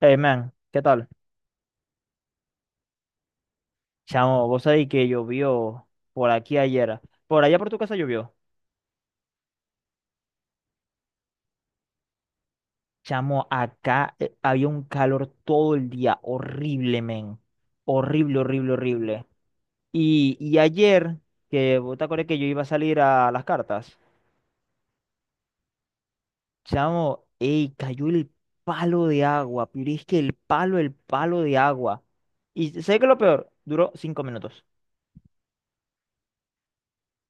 Hey man, ¿qué tal? Chamo, vos sabés que llovió por aquí ayer. Por allá por tu casa llovió. Chamo, acá había un calor todo el día. Horrible, men. Horrible, horrible, horrible. Y ayer, que vos te acordás que yo iba a salir a las cartas. Chamo, ey, cayó el palo de agua. Pero es que el palo de agua. Y sé que lo peor, duró 5 minutos.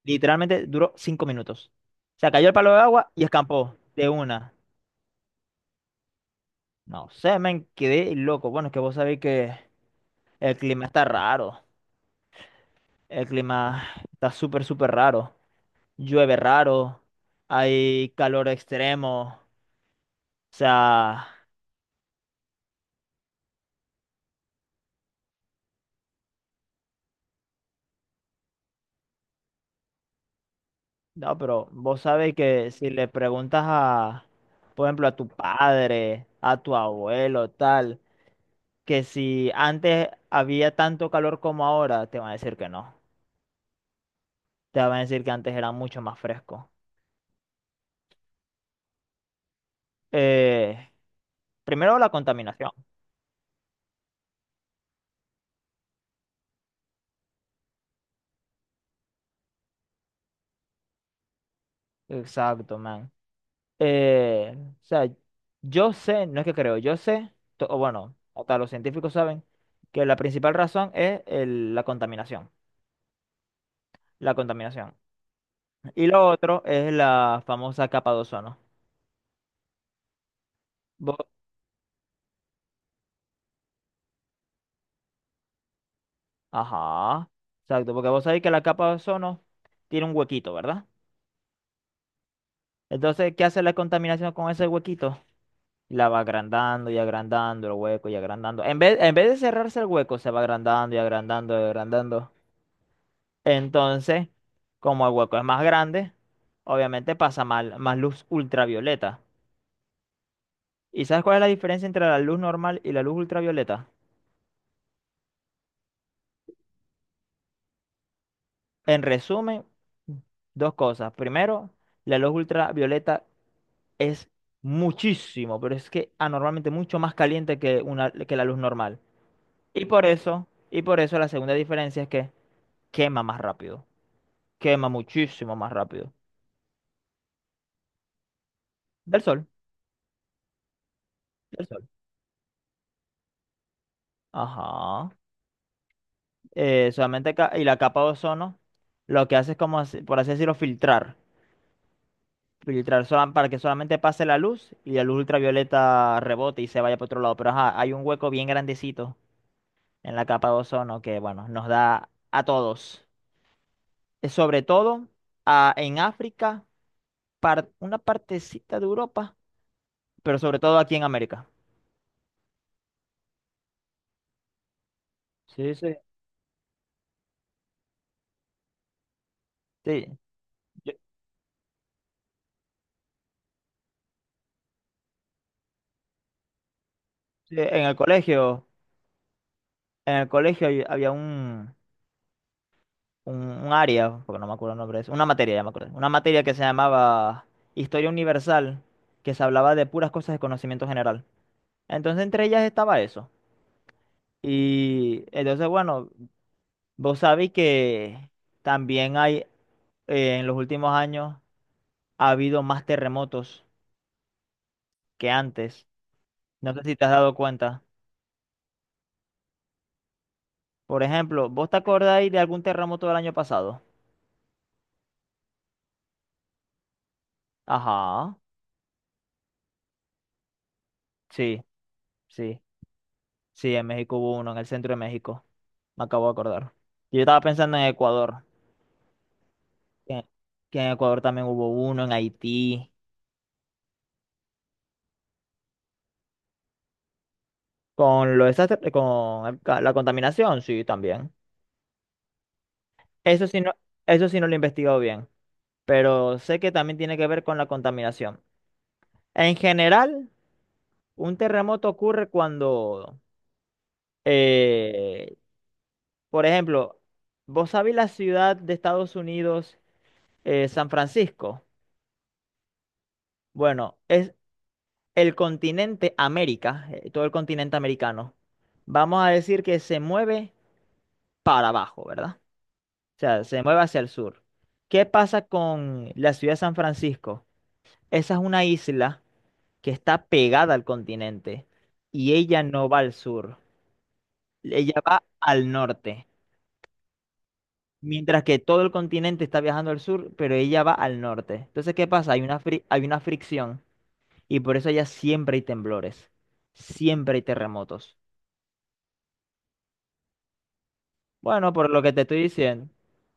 Literalmente duró 5 minutos. Se cayó el palo de agua y escampó de una. No sé, me quedé loco. Bueno, es que vos sabéis que el clima está raro. El clima está súper, súper raro. Llueve raro. Hay calor extremo. O sea, no, pero vos sabéis que si le preguntas a, por ejemplo, a tu padre, a tu abuelo, tal, que si antes había tanto calor como ahora, te van a decir que no. Te van a decir que antes era mucho más fresco. Eh, Primero la contaminación. Exacto, man. Eh, o sea, yo sé, no es que creo, yo sé, o bueno, hasta los científicos saben que la principal razón es la contaminación, la contaminación. Y lo otro es la famosa capa de ozono. Vo- Ajá, exacto, porque vos sabéis que la capa de ozono tiene un huequito, ¿verdad? Entonces, ¿qué hace la contaminación con ese huequito? La va agrandando y agrandando el hueco y agrandando. En vez de cerrarse el hueco, se va agrandando y agrandando y agrandando. Entonces, como el hueco es más grande, obviamente más luz ultravioleta. ¿Y sabes cuál es la diferencia entre la luz normal y la luz ultravioleta? En resumen, dos cosas. Primero, la luz ultravioleta es muchísimo, pero es que anormalmente mucho más caliente que una, que la luz normal. Y por eso la segunda diferencia es que quema más rápido. Quema muchísimo más rápido. Del sol, del sol. Ajá. Solamente y la capa de ozono lo que hace es como, por así decirlo, filtrar. Para que solamente pase la luz y la luz ultravioleta rebote y se vaya para otro lado. Pero ajá, hay un hueco bien grandecito en la capa de ozono que, bueno, nos da a todos. Sobre todo en África, una partecita de Europa, pero sobre todo aquí en América. Sí, sí. Sí, yo- sí, en el colegio había un área, porque no me acuerdo el nombre de eso, una materia, ya me acuerdo, una materia que se llamaba Historia Universal, que se hablaba de puras cosas de conocimiento general. Entonces, entre ellas estaba eso. Y entonces, bueno, vos sabéis que también hay, en los últimos años, ha habido más terremotos que antes. No sé si te has dado cuenta. Por ejemplo, ¿vos te acordáis de algún terremoto del año pasado? Ajá, sí, sí. Sí, en México hubo uno, en el centro de México. Me acabo de acordar. Yo estaba pensando en Ecuador, que, que en Ecuador también hubo uno, en Haití. Con la contaminación, sí, también. Eso sí no, eso sí no lo he investigado bien, pero sé que también tiene que ver con la contaminación. En general, un terremoto ocurre cuando, eh, por ejemplo, vos sabés la ciudad de Estados Unidos, San Francisco. Bueno, es, el continente América, todo el continente americano, vamos a decir que se mueve para abajo, ¿verdad? O sea, se mueve hacia el sur. ¿Qué pasa con la ciudad de San Francisco? Esa es una isla que está pegada al continente y ella no va al sur, ella va al norte. Mientras que todo el continente está viajando al sur, pero ella va al norte. Entonces, ¿qué pasa? Hay una fricción y por eso allá siempre hay temblores, siempre hay terremotos. Bueno, por lo que te estoy diciendo,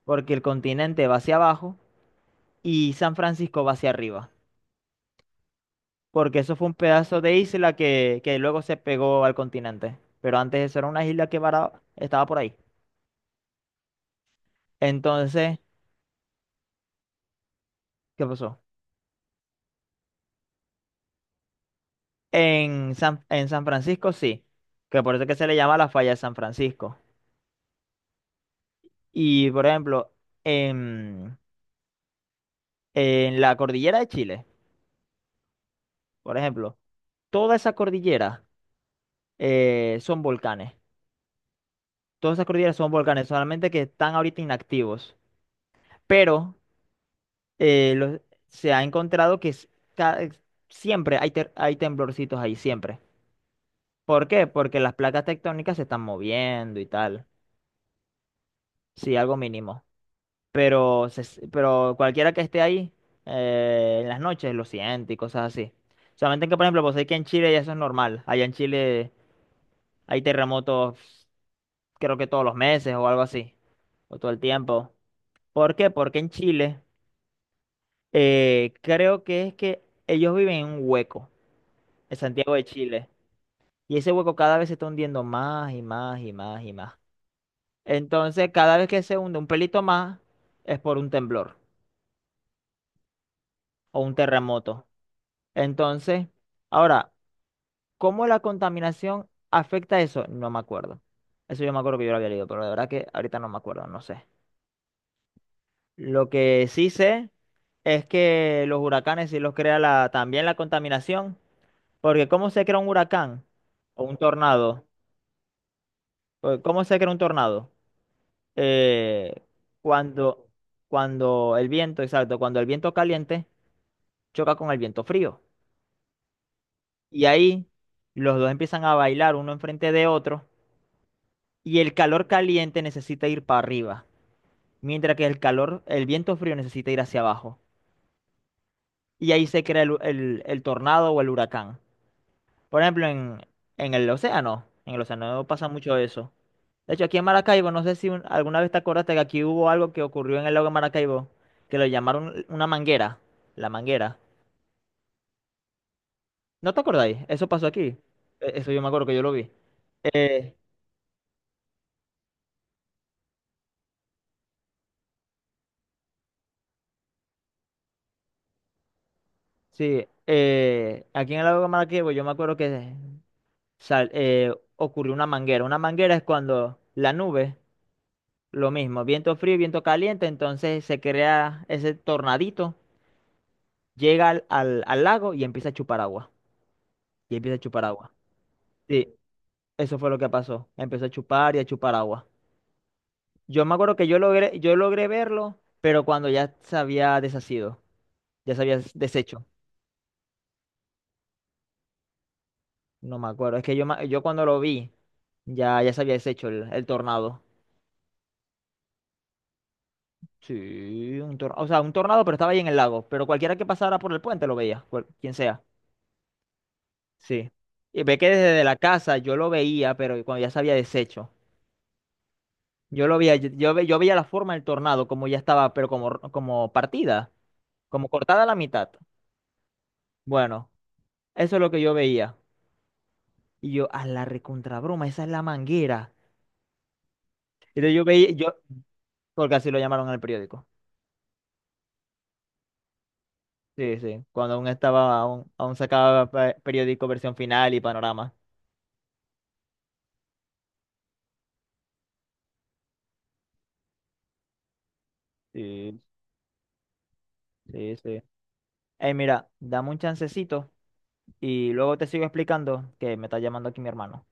porque el continente va hacia abajo y San Francisco va hacia arriba, porque eso fue un pedazo de isla que luego se pegó al continente, pero antes eso era una isla que estaba por ahí. Entonces, ¿qué pasó? En San Francisco sí, que por eso es que se le llama la falla de San Francisco. Y por ejemplo, en, en la cordillera de Chile, por ejemplo, toda esa cordillera son volcanes. Todas esas cordilleras son volcanes, solamente que están ahorita inactivos. Pero eh, lo- se ha encontrado que ca- siempre hay, hay temblorcitos ahí, siempre. ¿Por qué? Porque las placas tectónicas se están moviendo y tal. Sí, algo mínimo. Pero, pero cualquiera que esté ahí en las noches lo siente y cosas así. Solamente que, por ejemplo, pues hay que en Chile ya eso es normal. Allá en Chile hay terremotos, creo que todos los meses o algo así. O todo el tiempo. ¿Por qué? Porque en Chile. Creo que es que ellos viven en un hueco, en Santiago de Chile, y ese hueco cada vez se está hundiendo más y más y más y más. Entonces, cada vez que se hunde un pelito más, es por un temblor o un terremoto. Entonces, ahora, ¿cómo la contaminación afecta eso? No me acuerdo. Eso yo me acuerdo que yo lo había leído, pero de verdad que ahorita no me acuerdo, no sé. Lo que sí sé es que los huracanes sí los crea la, también la contaminación. Porque ¿cómo se crea un huracán o un tornado? Porque ¿cómo se crea un tornado? Eh, cuando, Cuando el viento, exacto, cuando el viento caliente choca con el viento frío. Y ahí los dos empiezan a bailar uno enfrente de otro y el calor caliente necesita ir para arriba, mientras que el calor, el viento frío necesita ir hacia abajo. Y ahí se crea el tornado o el huracán. Por ejemplo, en el océano pasa mucho eso. De hecho, aquí en Maracaibo, no sé si alguna vez te acordaste que aquí hubo algo que ocurrió en el lago de Maracaibo, que lo llamaron una manguera, la manguera. ¿No te acordáis? Eso pasó aquí. Eso yo me acuerdo que yo lo vi. Eh, sí, Aquí en el lago de Maracaibo yo me acuerdo que ocurrió una manguera. Una manguera es cuando la nube, lo mismo, viento frío, viento caliente, entonces se crea ese tornadito, llega al lago y empieza a chupar agua. Y empieza a chupar agua. Sí, eso fue lo que pasó. Empezó a chupar y a chupar agua. Yo me acuerdo que yo logré, Yo logré verlo, pero cuando ya se había deshacido, ya se había deshecho. No me acuerdo. Es que yo, yo cuando lo vi, ya se había deshecho el tornado. Sí, un tornado. O sea, un tornado, pero estaba ahí en el lago. Pero cualquiera que pasara por el puente lo veía, quien sea. Sí. Y ve que desde la casa yo lo veía, pero cuando ya se había deshecho. Yo lo veía, yo ve- Yo veía la forma del tornado, como ya estaba, pero como, como partida, como cortada a la mitad. Bueno. Eso es lo que yo veía. Y yo, a la recontrabroma, esa es la manguera. Entonces yo veía, yo, Porque así lo llamaron en el periódico. Sí, sí. Cuando aún estaba, aún, aún sacaba periódico Versión Final y Panorama. Sí, sí, sí. Ey, mira, dame un chancecito y luego te sigo explicando que me está llamando aquí mi hermano.